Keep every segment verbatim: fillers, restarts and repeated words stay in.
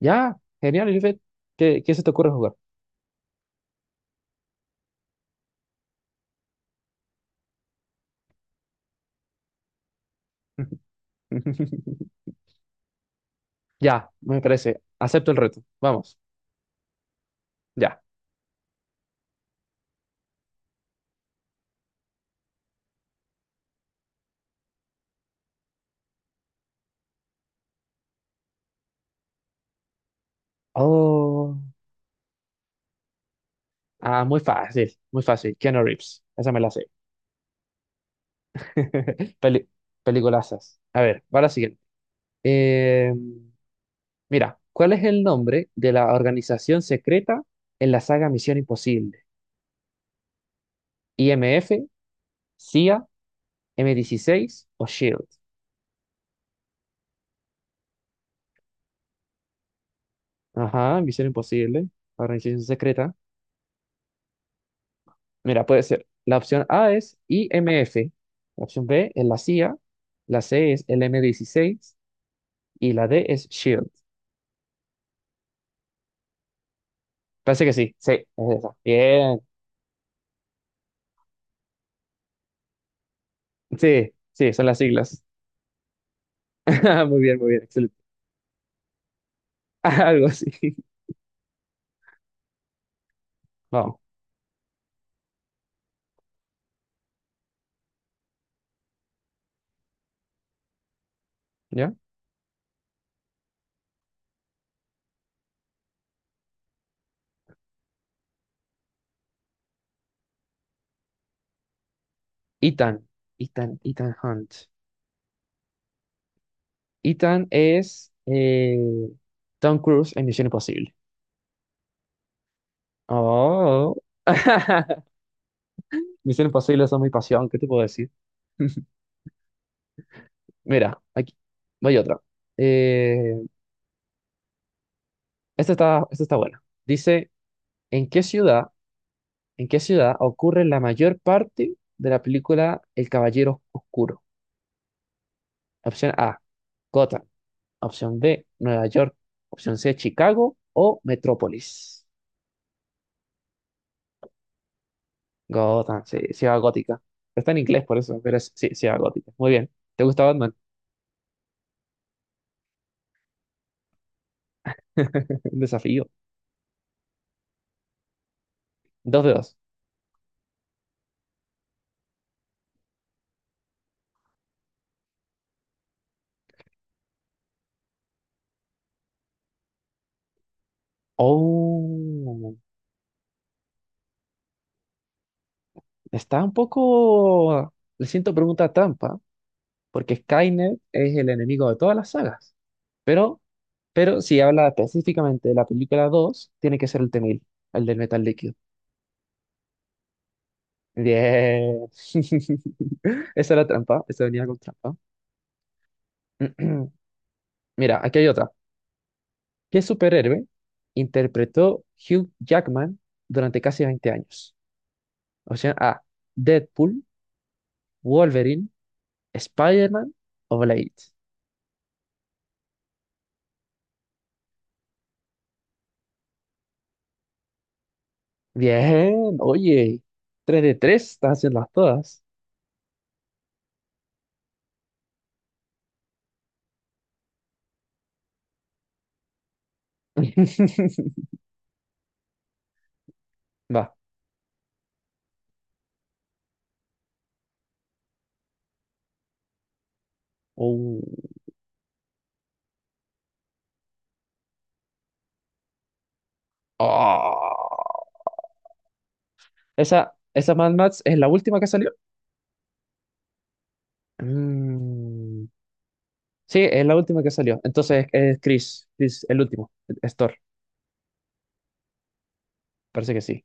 Ya, genial, Elifet. ¿Qué, qué se te ocurre jugar? Ya, me parece. Acepto el reto. Vamos, ya. Oh, ah, muy fácil, muy fácil. Keanu Reeves. Esa me la sé. Peli- peliculazas. A ver, va la siguiente. Eh, mira, ¿cuál es el nombre de la organización secreta en la saga Misión Imposible? I M F, C I A, M dieciséis o SHIELD. Ajá, Misión Imposible, organización secreta. Mira, puede ser. La opción A es I M F, la opción B es la C I A, la C es el m dieciséis y la D es SHIELD. Parece que sí, sí, es esa. Bien, sí, sí, son las siglas. Muy bien, muy bien, excelente. Algo así. Vamos, ¿ya? Ethan, Ethan, Ethan Hunt. Ethan es eh, Tom Cruise en Misión Imposible. Oh. Misión Imposible, eso es mi pasión, ¿qué te puedo decir? Mira, aquí voy otra. Eh, Esta está, esta está buena. Dice, ¿en qué ciudad, en qué ciudad ocurre la mayor parte de la película El Caballero Oscuro? Opción A, Gotham. Opción B, Nueva York. Opción C, Chicago o Metrópolis. Gotham, sí, ciudad gótica. Pero está en inglés por eso, pero es, sí, ciudad gótica. Muy bien. ¿Te gusta Batman? Un desafío. Dos de dos. Oh, está un poco... Le siento pregunta trampa, porque Skynet es el enemigo de todas las sagas. Pero, pero si habla específicamente de la película dos, tiene que ser el T mil, el del metal líquido. Bien. Esa era trampa, esa venía con trampa. Mira, aquí hay otra. ¿Qué superhéroe interpretó Hugh Jackman durante casi veinte años? Opción A, Deadpool, Wolverine, Spider-Man o Blade. Bien, oye, tres de tres, estás haciendo todas. Va, Uh, ah. Esa, esa Mad Max es la última que salió. Mm, sí, es la última que salió. Entonces es Chris, Chris, el último, es Thor. Parece que sí,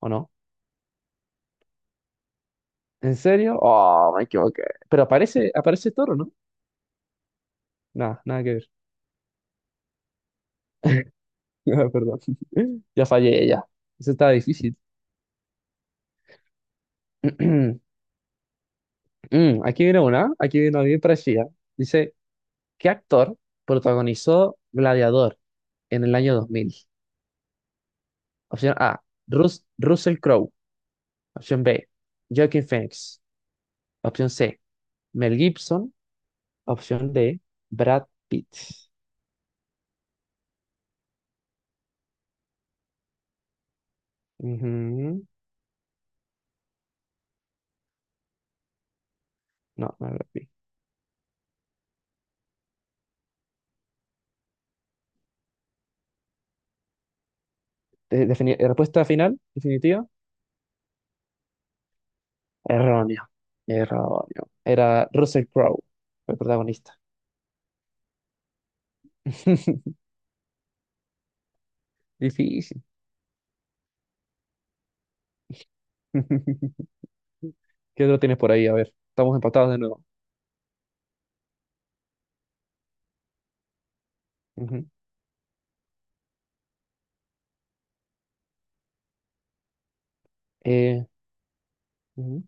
¿o no? ¿En serio? Oh, me equivoqué. Pero aparece, aparece Thor, ¿o no? Nada, nada que ver. Perdón. Ya fallé, ya. Eso estaba difícil. Mm, aquí viene una, aquí viene una bien parecida. Dice, ¿qué actor protagonizó Gladiador en el año dos mil? Opción A, Rus- Russell Crowe. Opción B, Joaquin Phoenix. Opción C, Mel Gibson. Opción D, Brad Pitt. Ujú. No, no Brad Pitt. De- defini- respuesta final, definitiva. Erróneo. Erróneo. Era Russell Crowe, el protagonista. Difícil. ¿Qué otro tienes por ahí? A ver, estamos empatados de nuevo. Ujú. Eh, ujú.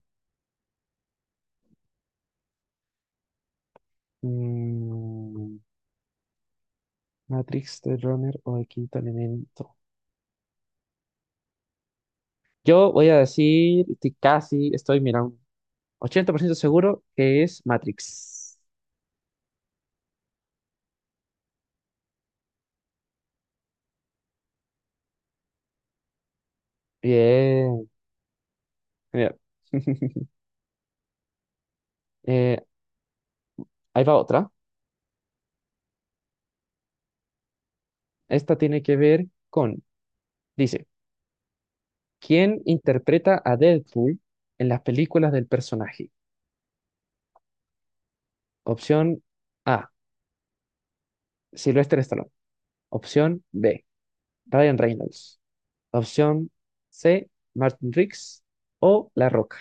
Mm, Matrix, The Runner o El Quinto Elemento. Yo voy a decir, estoy casi, estoy mirando ochenta por ciento seguro que es Matrix. Bien, genial. Eh, ahí va otra. Esta tiene que ver con, dice, ¿quién interpreta a Deadpool en las películas del personaje? Opción A, Sylvester Stallone. Opción B, Ryan Reynolds. Opción C, Martin Riggs o La Roca.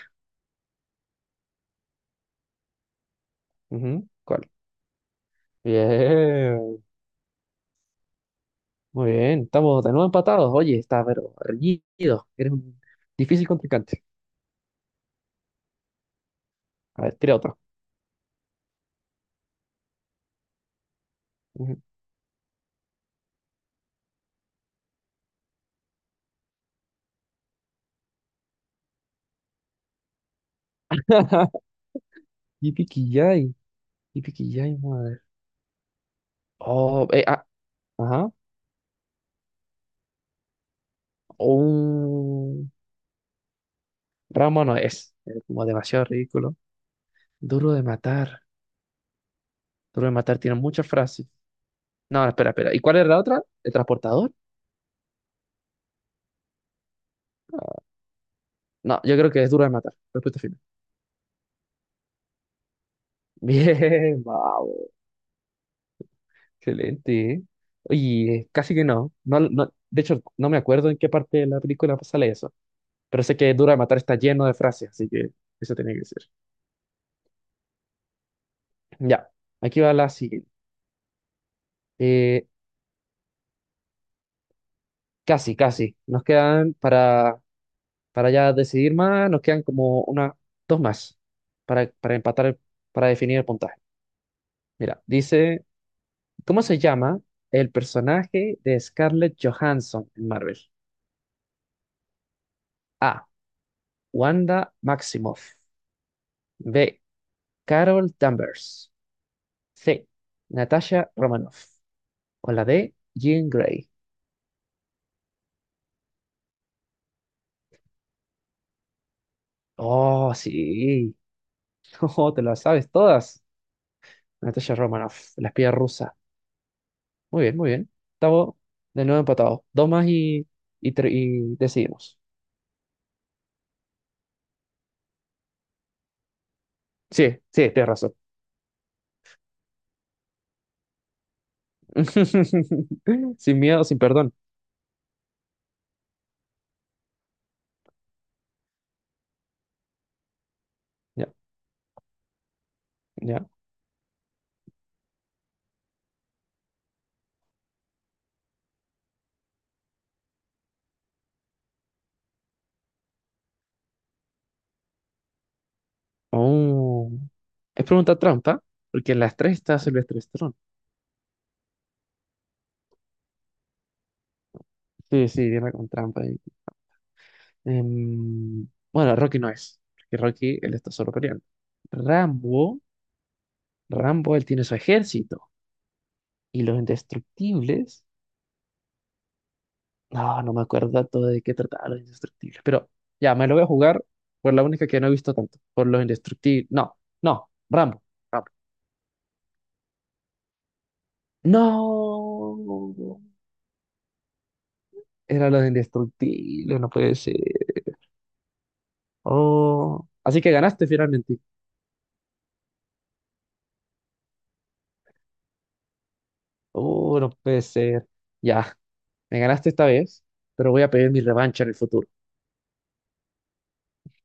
Ujú, ¿cuál? Bien, muy bien. Estamos de nuevo empatados. Oye, está pero reñido. Eres un difícil contrincante. A ver, tira otra. Ujú. Yipiquillay. Yipiquillay, madre. Oh, eh, ah, ajá. Un ramo no es. Es como demasiado ridículo. Duro de matar. Duro de matar tiene muchas frases. No, espera, espera. ¿Y cuál era la otra? ¿El transportador? No, yo creo que es duro de matar. Respuesta final. Bien, vamos. Excelente, ¿eh? Oye, casi que no. No, no. De hecho, no me acuerdo en qué parte de la película sale eso. Pero sé que duro de matar está lleno de frases, así que eso tenía que ser. Ya, aquí va la siguiente. Eh, casi, casi. Nos quedan para, para ya decidir más, nos quedan como una, dos más para, para empatar, el- para, definir el puntaje. Mira, dice, ¿cómo se llama el personaje de Scarlett Johansson en Marvel? A. Wanda Maximoff. B. Carol Danvers. C. Natasha Romanoff. O la D. Jean Grey. Oh, sí. Oh, te las sabes todas. Natasha Romanoff, la espía rusa. Muy bien, muy bien. Estamos de nuevo empatados. Dos más y, y, tre- y decidimos. Sí, sí, tienes razón. Sin miedo, sin perdón. Ya, ya. Oh. Es pregunta trampa, porque en las tres está Silvestre Stallone. Sí, sí, viene con trampa ahí. Em, bueno, Rocky no es, porque Rocky él está solo peleando. Rambo, Rambo él tiene su ejército y los indestructibles. No, no me acuerdo tanto de qué trataba los indestructibles. Pero ya, me lo voy a jugar por la única que no he visto tanto. Por los indestructibles. No, no, Rambo. Rambo. No. Era los indestructibles, no puede ser. Oh. Así que ganaste finalmente. Oh, no puede ser. Ya, me ganaste esta vez, pero voy a pedir mi revancha en el futuro.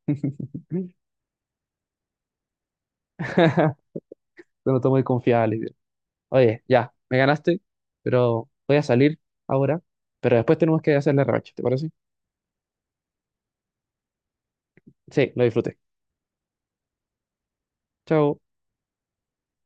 No estoy muy confiado, Olivia. Oye, ya, me ganaste, pero voy a salir ahora. Pero después tenemos que hacer la revancha, ¿te parece? Sí, lo disfruté. Chao.